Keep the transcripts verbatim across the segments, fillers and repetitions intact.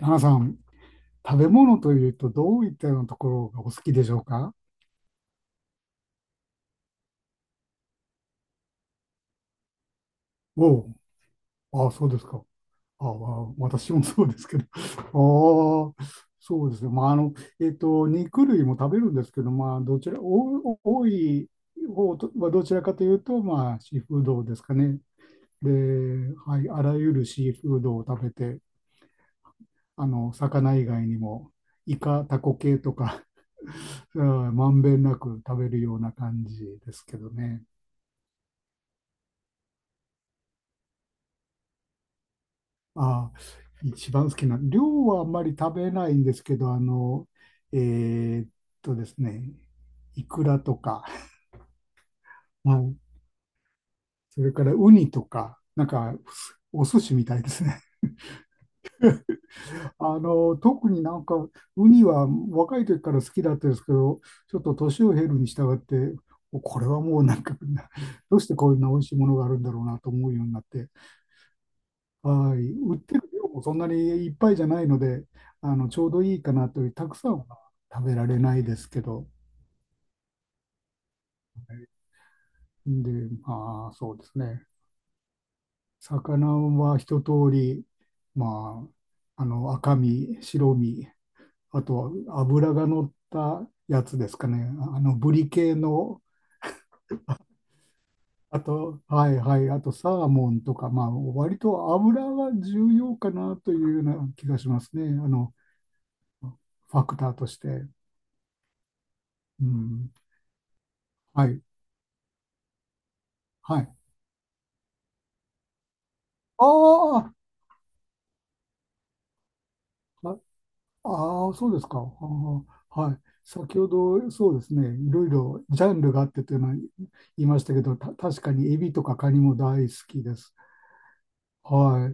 花さん、食べ物というとどういったようなところがお好きでしょうか？おああ、そうですか。ああ、私もそうですけど。ああ、そうですね。まあ、あの、えっと、肉類も食べるんですけど、まあ、どちら、お多い方とはどちらかというと、まあ、シーフードですかね。で、はい、あらゆるシーフードを食べて、あの、魚以外にも、イカ、タコ系とか、うんまんべんなく食べるような感じですけどね。ああ、一番好きな、量はあんまり食べないんですけど、あの、えーっとですね、イクラとか、はい、それからウニとか、なんか、お寿司みたいですね。あの、特になんか、ウニは若い時から好きだったんですけど、ちょっと年を経るに従って、これはもうなんか、どうしてこんな美味しいものがあるんだろうなと思うようになって、はい。売ってる量もそんなにいっぱいじゃないので、あの、ちょうどいいかなという、たくさんは食べられないですけど、で、まあ、そうですね。魚は一通り、まあ、あの、赤身、白身、あとは脂が乗ったやつですかね。あの、ブリ系の、あと、はいはい、あとサーモンとか、まあ、割と油が重要かなというような気がしますね。あの、ファクターとして。うん。はい。はい。ああ、ああー、そうですか。あーはい。先ほど、そうですね、いろいろジャンルがあってというのは言いましたけど、た、確かにエビとかカニも大好きです。は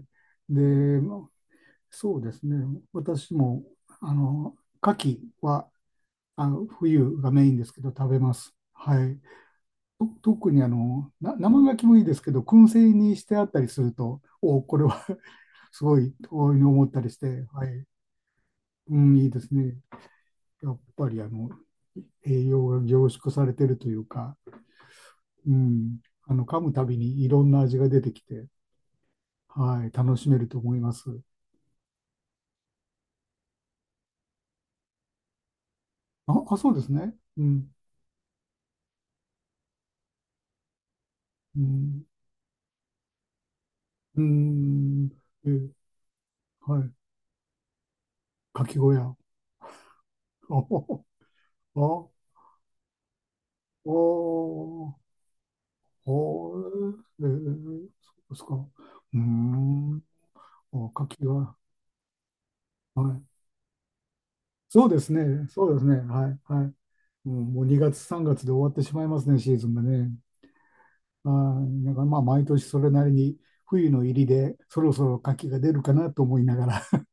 い。で、まあそうですね、私も、あの、牡蠣は、あの、冬がメインですけど、食べます。はい。と、特にあの、な、生牡蠣もいいですけど、燻製にしてあったりすると、お、これは すごい、遠いに思ったりして、はい。うん、いいですね。やっぱりあの栄養が凝縮されてるというか、うん、あの噛むたびにいろんな味が出てきて、はい、楽しめると思います。あ、あ、そうですね。うん、うん、うん、え、はい、かき小屋。あ、あ、あ、あ、えー、そうですか。うーん、お、かきは、はい。そうですね、そうですね、はい、はい。うん、もうにがつ、さんがつで終わってしまいますね、シーズンがね。あー、だからまあ毎年それなりに冬の入りでそろそろ牡蠣が出るかなと思いながら、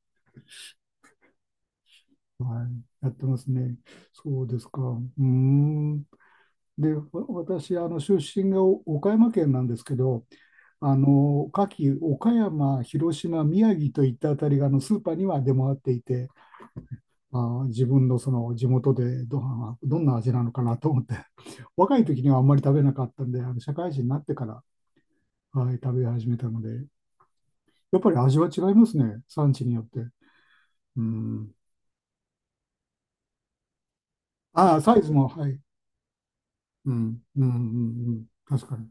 はい、やってますね。そうですか。うーん。で、わ私、あの出身がお岡山県なんですけど、あの牡蠣、岡山、広島、宮城といったあたりがあのスーパーには出回っていて、まあー、自分のその地元でど、どんな味なのかなと思って、若い時にはあんまり食べなかったんで、あの社会人になってから、はい、食べ始めたので。やっぱり味は違いますね。産地によって。うん。ああ、サイズも、はい。うん。うん、うん、うん。確かに。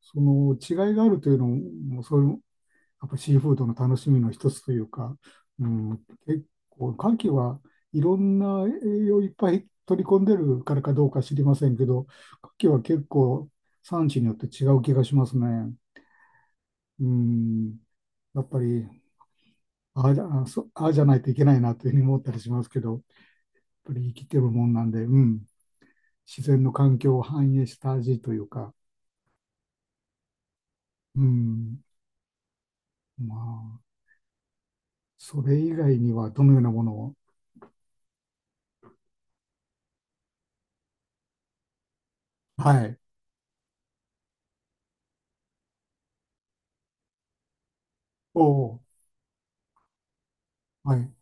その違いがあるというのも、そういう、やっぱシーフードの楽しみの一つというか、うん、結構、牡蠣はいろんな栄養をいっぱい取り込んでるからかどうか知りませんけど、牡蠣は結構産地によって違う気がしますね。うん。やっぱり、ああ、じゃあそうああじゃないといけないなというふうに思ったりしますけど、やっぱり生きてるもんなんで、うん。自然の環境を反映した味というか、うん、まあ、それ以外にはどのようなものを、はい、おお、はい、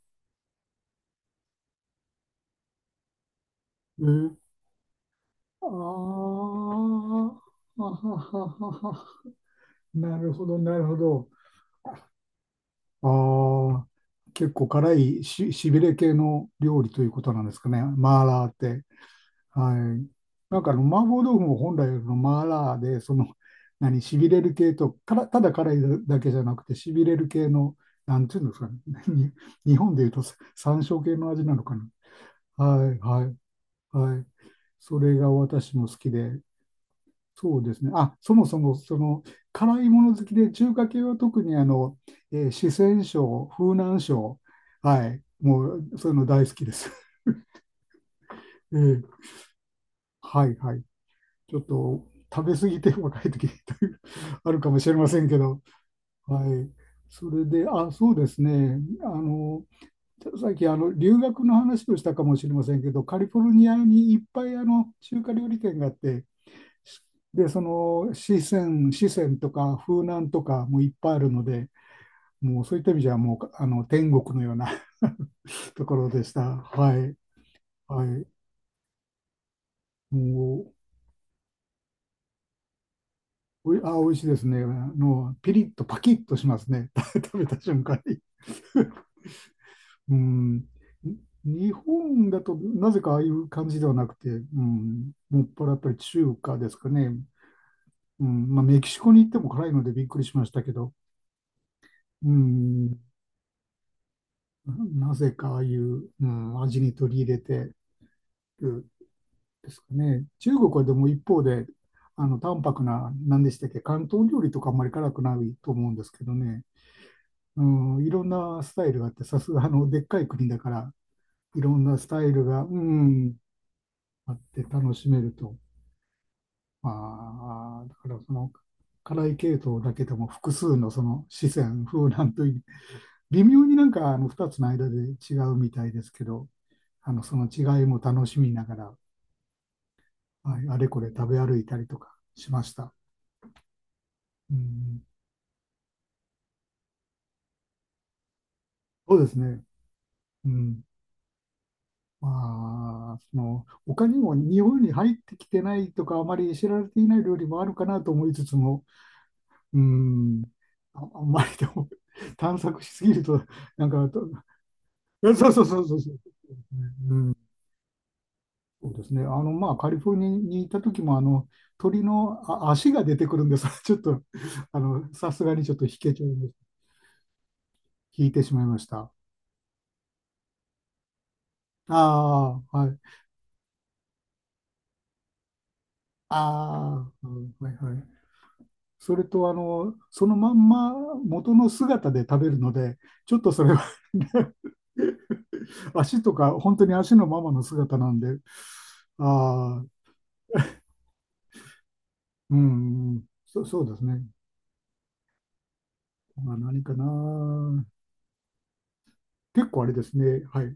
えー、あーあはははは、なるほど、なるほど。ああ、結構辛いし、しびれ系の料理ということなんですかね、マーラーって。はい。なんかあの、麻婆豆腐も本来のマーラーで、その、何、しびれる系と、から、ただ辛いだけじゃなくて、しびれる系の、なんていうんですかね。に日本でいうとさ山椒系の味なのかな。はい、はい、はい。それが私も好きで、そうですね。あ、そもそも、その、辛いもの好きで、中華系は特にあの、えー四川省、風南省、はい、もう、そういうの大好きです。えーはい、はい。ちょっと食べ過ぎて若い時というあるかもしれませんけど、はい。それで、あ、そうですね。あの、さっきあの留学の話をしたかもしれませんけど、カリフォルニアにいっぱいあの中華料理店があって、で、その四川、四川とか風南とかもいっぱいあるので、もうそういった意味じゃもうあの天国のような ところでした。はい。はい。もう、おい、あ、美味しいですね。あの、ピリッとパキッとしますね。食べた瞬間に。うん、日本だとなぜかああいう感じではなくて、うん、もっぱらやっぱり中華ですかね。うん、まあ、メキシコに行っても辛いのでびっくりしましたけど、うん、ななぜかああいう、うん、味に取り入れてるですかね。中国はでも一方で、あの、淡白な、何でしたっけ、広東料理とかあんまり辛くないと思うんですけどね。うん、いろんなスタイルがあって、さすがあの、でっかい国だから、いろんなスタイルが、うん、あって楽しめると、まあ、だからその辛い系統だけでも複数のその四川風なんというね微妙になんかあのふたつの間で違うみたいですけどあのその違いも楽しみながら、はい、あれこれ食べ歩いたりとかしました。うん、そうですね、うんまあ、その他にも日本に入ってきてないとかあまり知られていない料理もあるかなと思いつつも、うん、あ、あんまりでも 探索しすぎるとなんかとえそうそうそうそうそうですね。うん、そうですね。あの、まあ、カリフォルニアにいた時も、あの、鳥のあ足が出てくるんです。ちょっと、あの、さすがにちょっと引けちゃいました。引いてしまいました。ああ、はい。ああ、うんはいはい。それと、あの、そのまんま元の姿で食べるので、ちょっとそれは ね足とか、本当に足のままの姿なんで、ああ、うん、うんそ、そうですね。まあ、何かな。結構あれですね、はい。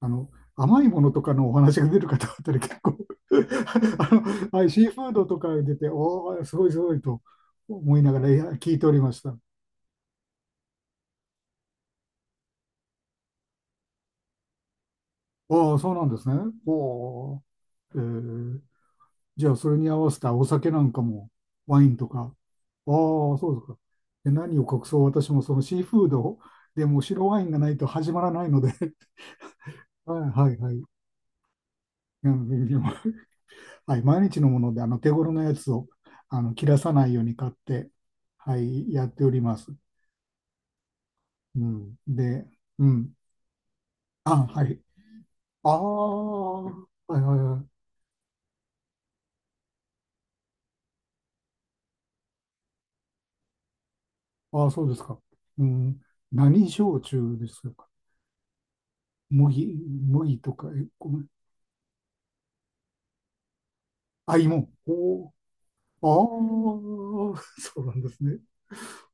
あの、甘いものとかのお話が出る方あたり結構 あの、はい、シーフードとか出て、おー、すごいすごいと思いながらいや聞いておりました。ああ、そうなんですね。おー、えーじゃあ、それに合わせたお酒なんかも、ワインとか。ああ、そうですか。で、何を隠そう、私もそのシーフードでも白ワインがないと始まらないので はいはいはい。うんはい、毎日のもので、あの手頃なやつをあの切らさないように買って、はい、やっております。うん、で、うん。あ、はい。ああ、はいはいはい。ああ、そうですか。うん、何焼酎ですか。麦、麦とか、え、ごめん。あ、芋。おおああ、そうなんですね。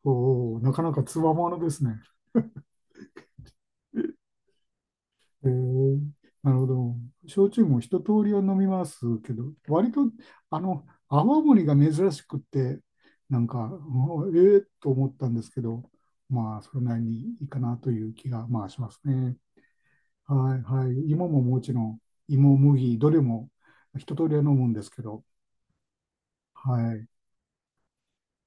おお、なかなかつわものですね。えー、なるほど。焼酎も一通りは飲みますけど、割と、あの、泡盛が珍しくって、なんか、うんええと思ったんですけど、まあ、それなりにいいかなという気が、まあ、しますね。はい、はい。芋ももちろん、芋、麦、どれも一通りは飲むんですけど、はい。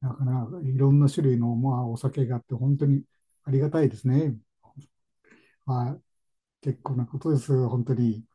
なかなかいろんな種類の、まあ、お酒があって、本当にありがたいですね。はい。結構なことです、本当に。